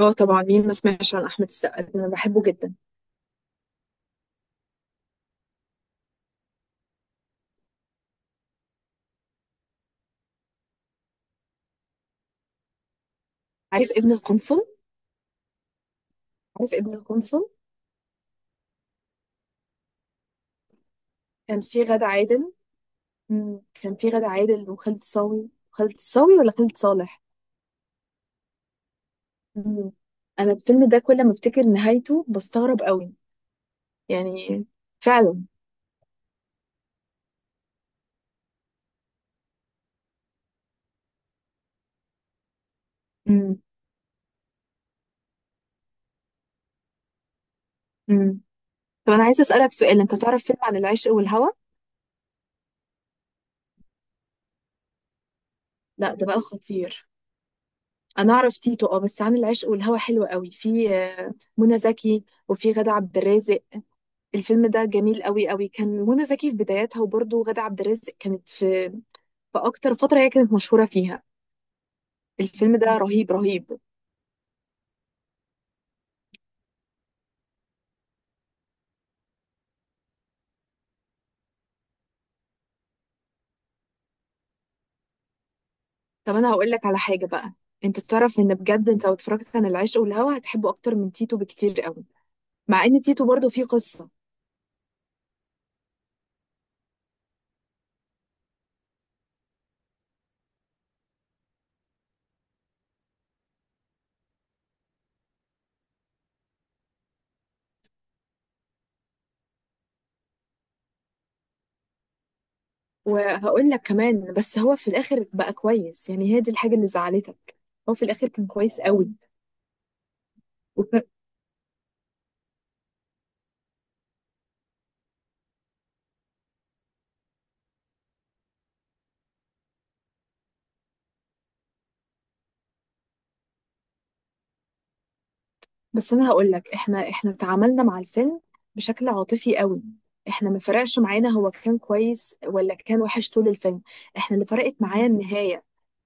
اه، طبعا. مين ما سمعش عن احمد السقا؟ ده انا بحبه جدا. عارف ابن القنصل؟ عارف ابن القنصل كان في غادة عادل. كان في غادة عادل وخالد صاوي خالد صاوي ولا خالد صالح؟ مم. انا الفيلم ده كل ما افتكر نهايته بستغرب قوي، يعني فعلا. مم. مم. طب انا عايزه اسالك سؤال، انت تعرف فيلم عن العشق والهوى؟ لا، ده بقى خطير. انا اعرف تيتو، اه. بس عن العشق والهوى حلو قوي، في منى زكي وفي غادة عبد الرازق. الفيلم ده جميل قوي قوي، كان منى زكي في بداياتها، وبرضه غادة عبد الرازق كانت في اكتر فتره هي كانت مشهوره فيها. الفيلم ده رهيب رهيب. طب انا هقول لك على حاجه بقى. انت تعرف ان بجد انت لو اتفرجت عن العشق والهوى هتحبه اكتر من تيتو بكتير قوي. مع ان تيتو برضه فيه قصه. وهقول لك كمان، بس هو في الاخر بقى كويس، يعني هي دي الحاجه اللي زعلتك. هو في الاخر كان كويس قوي. بس انا هقول لك، احنا تعاملنا مع الفيلم بشكل عاطفي قوي. احنا ما فرقش معانا هو كان كويس ولا كان وحش طول الفيلم. احنا اللي فرقت معايا النهاية.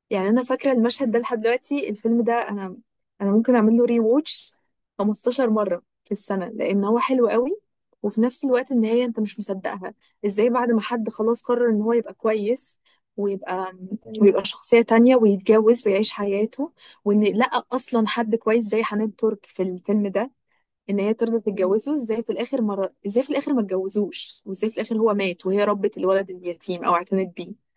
يعني انا فاكره المشهد ده لحد دلوقتي، الفيلم ده انا ممكن اعمل له ري ووتش 15 مره في السنه لان هو حلو قوي. وفي نفس الوقت النهايه انت مش مصدقها. ازاي بعد ما حد خلاص قرر ان هو يبقى كويس، ويبقى ويبقى شخصيه تانية ويتجوز ويعيش حياته، وان لقى اصلا حد كويس زي حنان ترك في الفيلم ده، ان هي ترضى تتجوزه؟ ازاي في الاخر مرة؟ ازاي في الاخر ما اتجوزوش؟ وازاي في الاخر هو مات وهي ربت الولد اليتيم او اعتنت بيه؟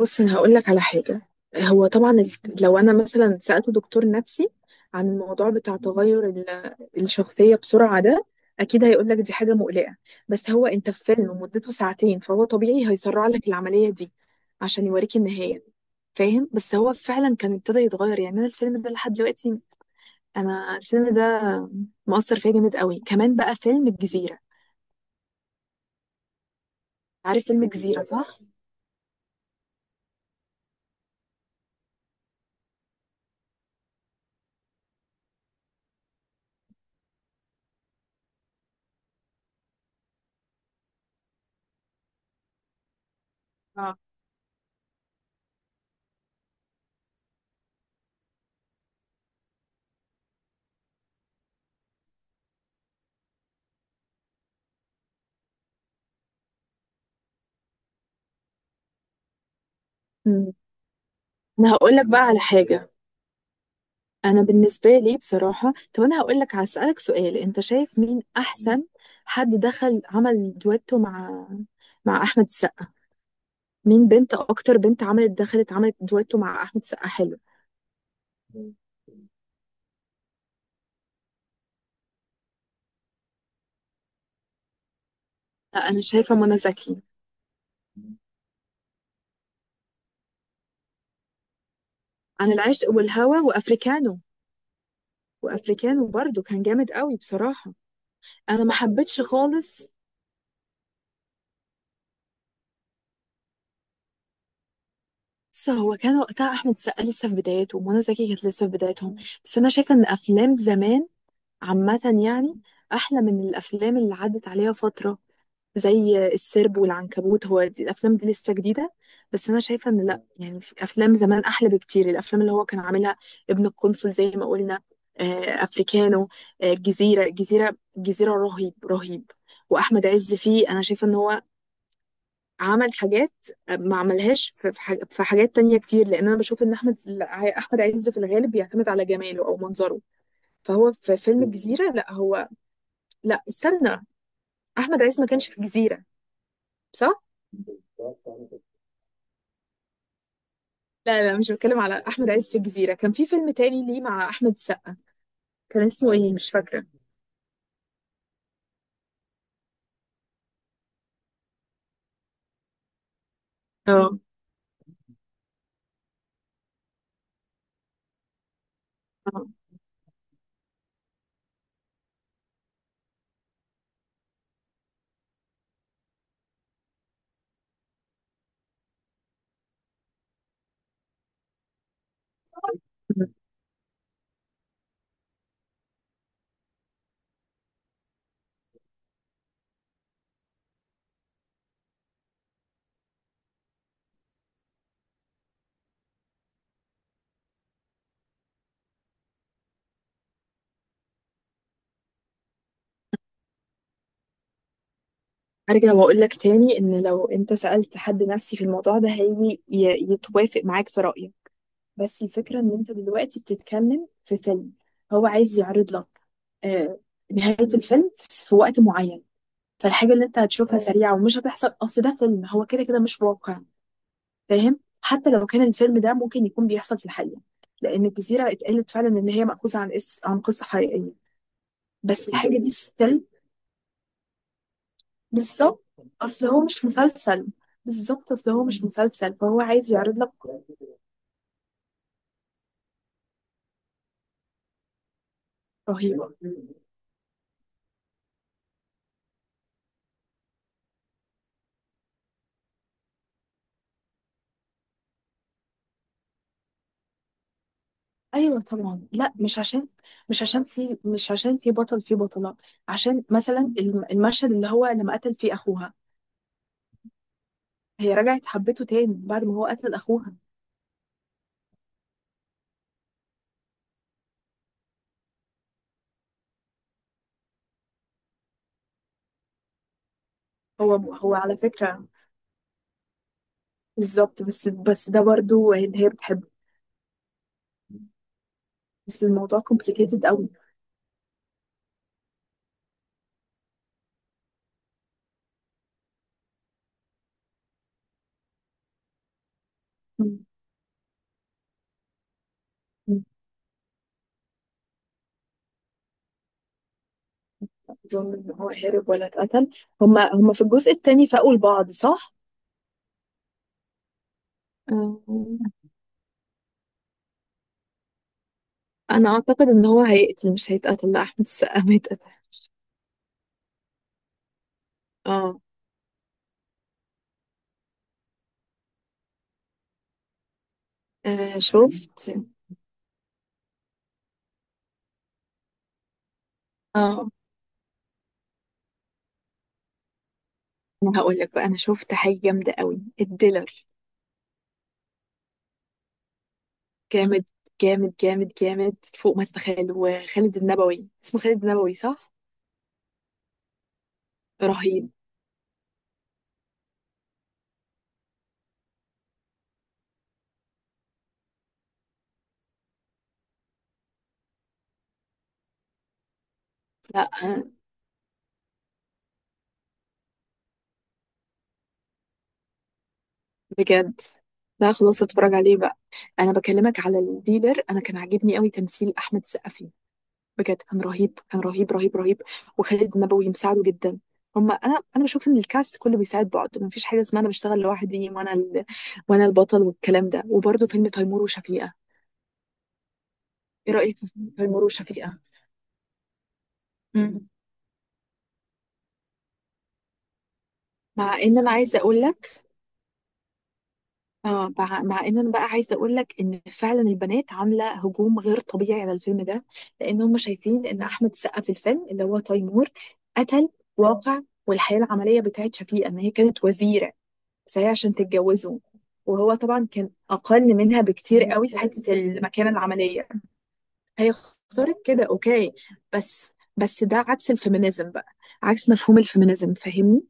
بص، انا هقول لك على حاجه. هو طبعا لو انا مثلا سالت دكتور نفسي عن الموضوع بتاع تغير الشخصيه بسرعه ده، اكيد هيقول لك دي حاجه مقلقه. بس هو انت في فيلم مدته ساعتين، فهو طبيعي هيسرع لك العمليه دي عشان يوريك النهايه. فاهم؟ بس هو فعلا كان ابتدى يتغير. يعني انا الفيلم ده لحد دلوقتي، انا الفيلم ده مؤثر فيا جامد قوي. كمان بقى فيلم الجزيره، عارف فيلم الجزيره، صح؟ اه. مم. انا هقول لك بقى على حاجه. انا بالنسبه لي بصراحه، طب انا هقول لك، هسالك سؤال، انت شايف مين احسن حد دخل عمل دويتو مع احمد السقا؟ مين بنت، اكتر بنت عملت دخلت عملت دويتو مع احمد السقا حلو؟ لا، انا شايفه منى زكي. عن العشق والهوى وافريكانو. وافريكانو برضو كان جامد قوي بصراحه. انا ما حبيتش خالص. بس هو كان وقتها احمد السقا لسه في بدايته، ومنى زكي كانت لسه في بدايتهم. بس انا شايفه ان افلام زمان عامة، يعني أحلى من الأفلام اللي عدت عليها فترة، زي السرب والعنكبوت. هو دي الأفلام دي لسه جديدة، بس أنا شايفة إن لأ، يعني في أفلام زمان أحلى بكتير، الأفلام اللي هو كان عاملها. ابن القنصل زي ما قلنا، أفريكانو، الجزيرة الجزيرة الجزيرة، رهيب رهيب. وأحمد عز فيه، أنا شايفة إن هو عمل حاجات ما عملهاش في في حاجات تانية كتير. لأن أنا بشوف إن أحمد عز في الغالب بيعتمد على جماله أو منظره. فهو في فيلم الجزيرة لا، هو... لا، استنى، احمد عز ما كانش في الجزيره، صح؟ لا لا، مش بتكلم على احمد عز في الجزيره، كان في فيلم تاني ليه مع احمد السقا، كان اسمه ايه؟ مش فاكره. اه. آه. ارجع واقول لك تاني، ان لو انت سالت حد نفسي في الموضوع ده هيجي يتوافق معاك في رايك. بس الفكره ان انت دلوقتي بتتكلم في فيلم هو عايز يعرض لك آه، نهايه الفيلم في وقت معين. فالحاجه اللي انت هتشوفها سريعه ومش هتحصل، اصل ده فيلم، هو كده كده مش واقع. فاهم؟ حتى لو كان الفيلم ده ممكن يكون بيحصل في الحقيقة، لأن الجزيرة اتقالت فعلا إن هي مأخوذة عن عن قصة حقيقية، بس الحاجة دي ستيل. بالظبط، أصل هو مش مسلسل. بالظبط، أصل هو مش مسلسل، فهو عايز يعرض لك. رهيبة. ايوه طبعا. لا، مش عشان في مش عشان في بطل في بطلة. عشان مثلا المشهد اللي هو لما قتل فيه اخوها، هي رجعت حبته تاني بعد ما هو قتل اخوها. هو على فكرة، بالظبط، بس ده برضو ان هي بتحبه، بس الموضوع complicated قوي. مم. مم. اظن ان هو هرب ولا اتقتل. هما في الجزء التاني فاقوا لبعض، صح؟ آه. انا اعتقد ان هو هيقتل مش هيتقتل. لا، احمد السقا ما يتقتلش. اه، آه، شفت. اه، انا هقول لك بقى، انا شفت حاجه جامده قوي، الديلر. جامد جامد جامد جامد، فوق ما تتخيل. وخالد النبوي، اسمه خالد النبوي، صح؟ رهيب. لا، آه. بجد. لا، خلاص، اتفرج عليه بقى. انا بكلمك على الديلر، انا كان عاجبني قوي تمثيل احمد السقا فيه. بجد كان رهيب، كان رهيب رهيب رهيب. وخالد النبوي مساعده جدا. هما انا بشوف ان الكاست كله بيساعد بعض، مفيش حاجه اسمها انا بشتغل لوحدي وانا وانا البطل والكلام ده. وبرده فيلم تيمور وشفيقه، ايه رايك في فيلم تيمور وشفيقه؟ مم. مع ان انا عايزه اقول لك، اه، مع ان انا بقى عايزه اقول لك ان فعلا البنات عامله هجوم غير طبيعي على الفيلم ده. لان هم شايفين ان احمد السقا في الفيلم اللي هو تيمور قتل واقع. والحياه العمليه بتاعت شفيقه ان هي كانت وزيره، بس هي عشان تتجوزه، وهو طبعا كان اقل منها بكتير قوي في حته المكانه العمليه. هي اختارت كده، اوكي. بس ده عكس الفيمينيزم بقى، عكس مفهوم الفيمينيزم، فاهمني؟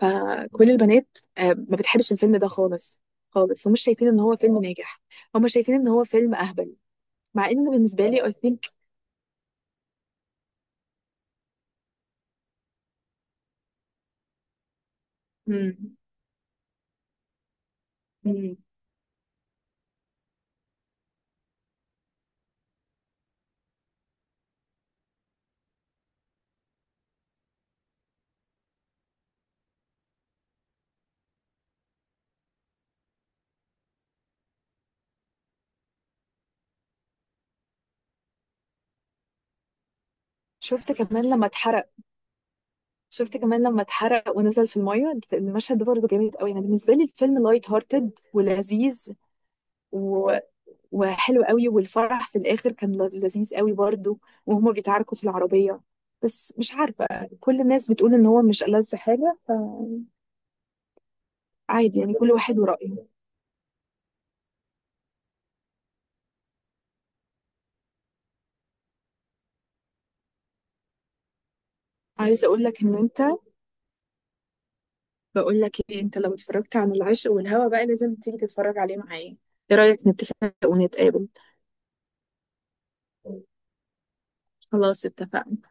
فكل البنات ما بتحبش الفيلم ده خالص خالص، ومش شايفين ان هو فيلم ناجح. هم شايفين ان هو فيلم اهبل. مع ان بالنسبه لي I think... مم، مم. شفت كمان لما اتحرق؟ شفت كمان لما اتحرق ونزل في الميه؟ المشهد ده برضه جامد قوي. انا بالنسبه لي الفيلم لايت هارتد ولذيذ و... وحلو قوي. والفرح في الاخر كان لذيذ قوي برضو، وهما بيتعاركوا في العربيه. بس مش عارفه، كل الناس بتقول ان هو مش ألذ حاجه. فعادي، يعني كل واحد ورأيه. عايزه اقول لك ان انت، بقول لك ايه، انت لو اتفرجت عن العشق والهوى بقى لازم تيجي تتفرج عليه معايا. ايه رأيك نتفق ونتقابل؟ خلاص، اتفقنا.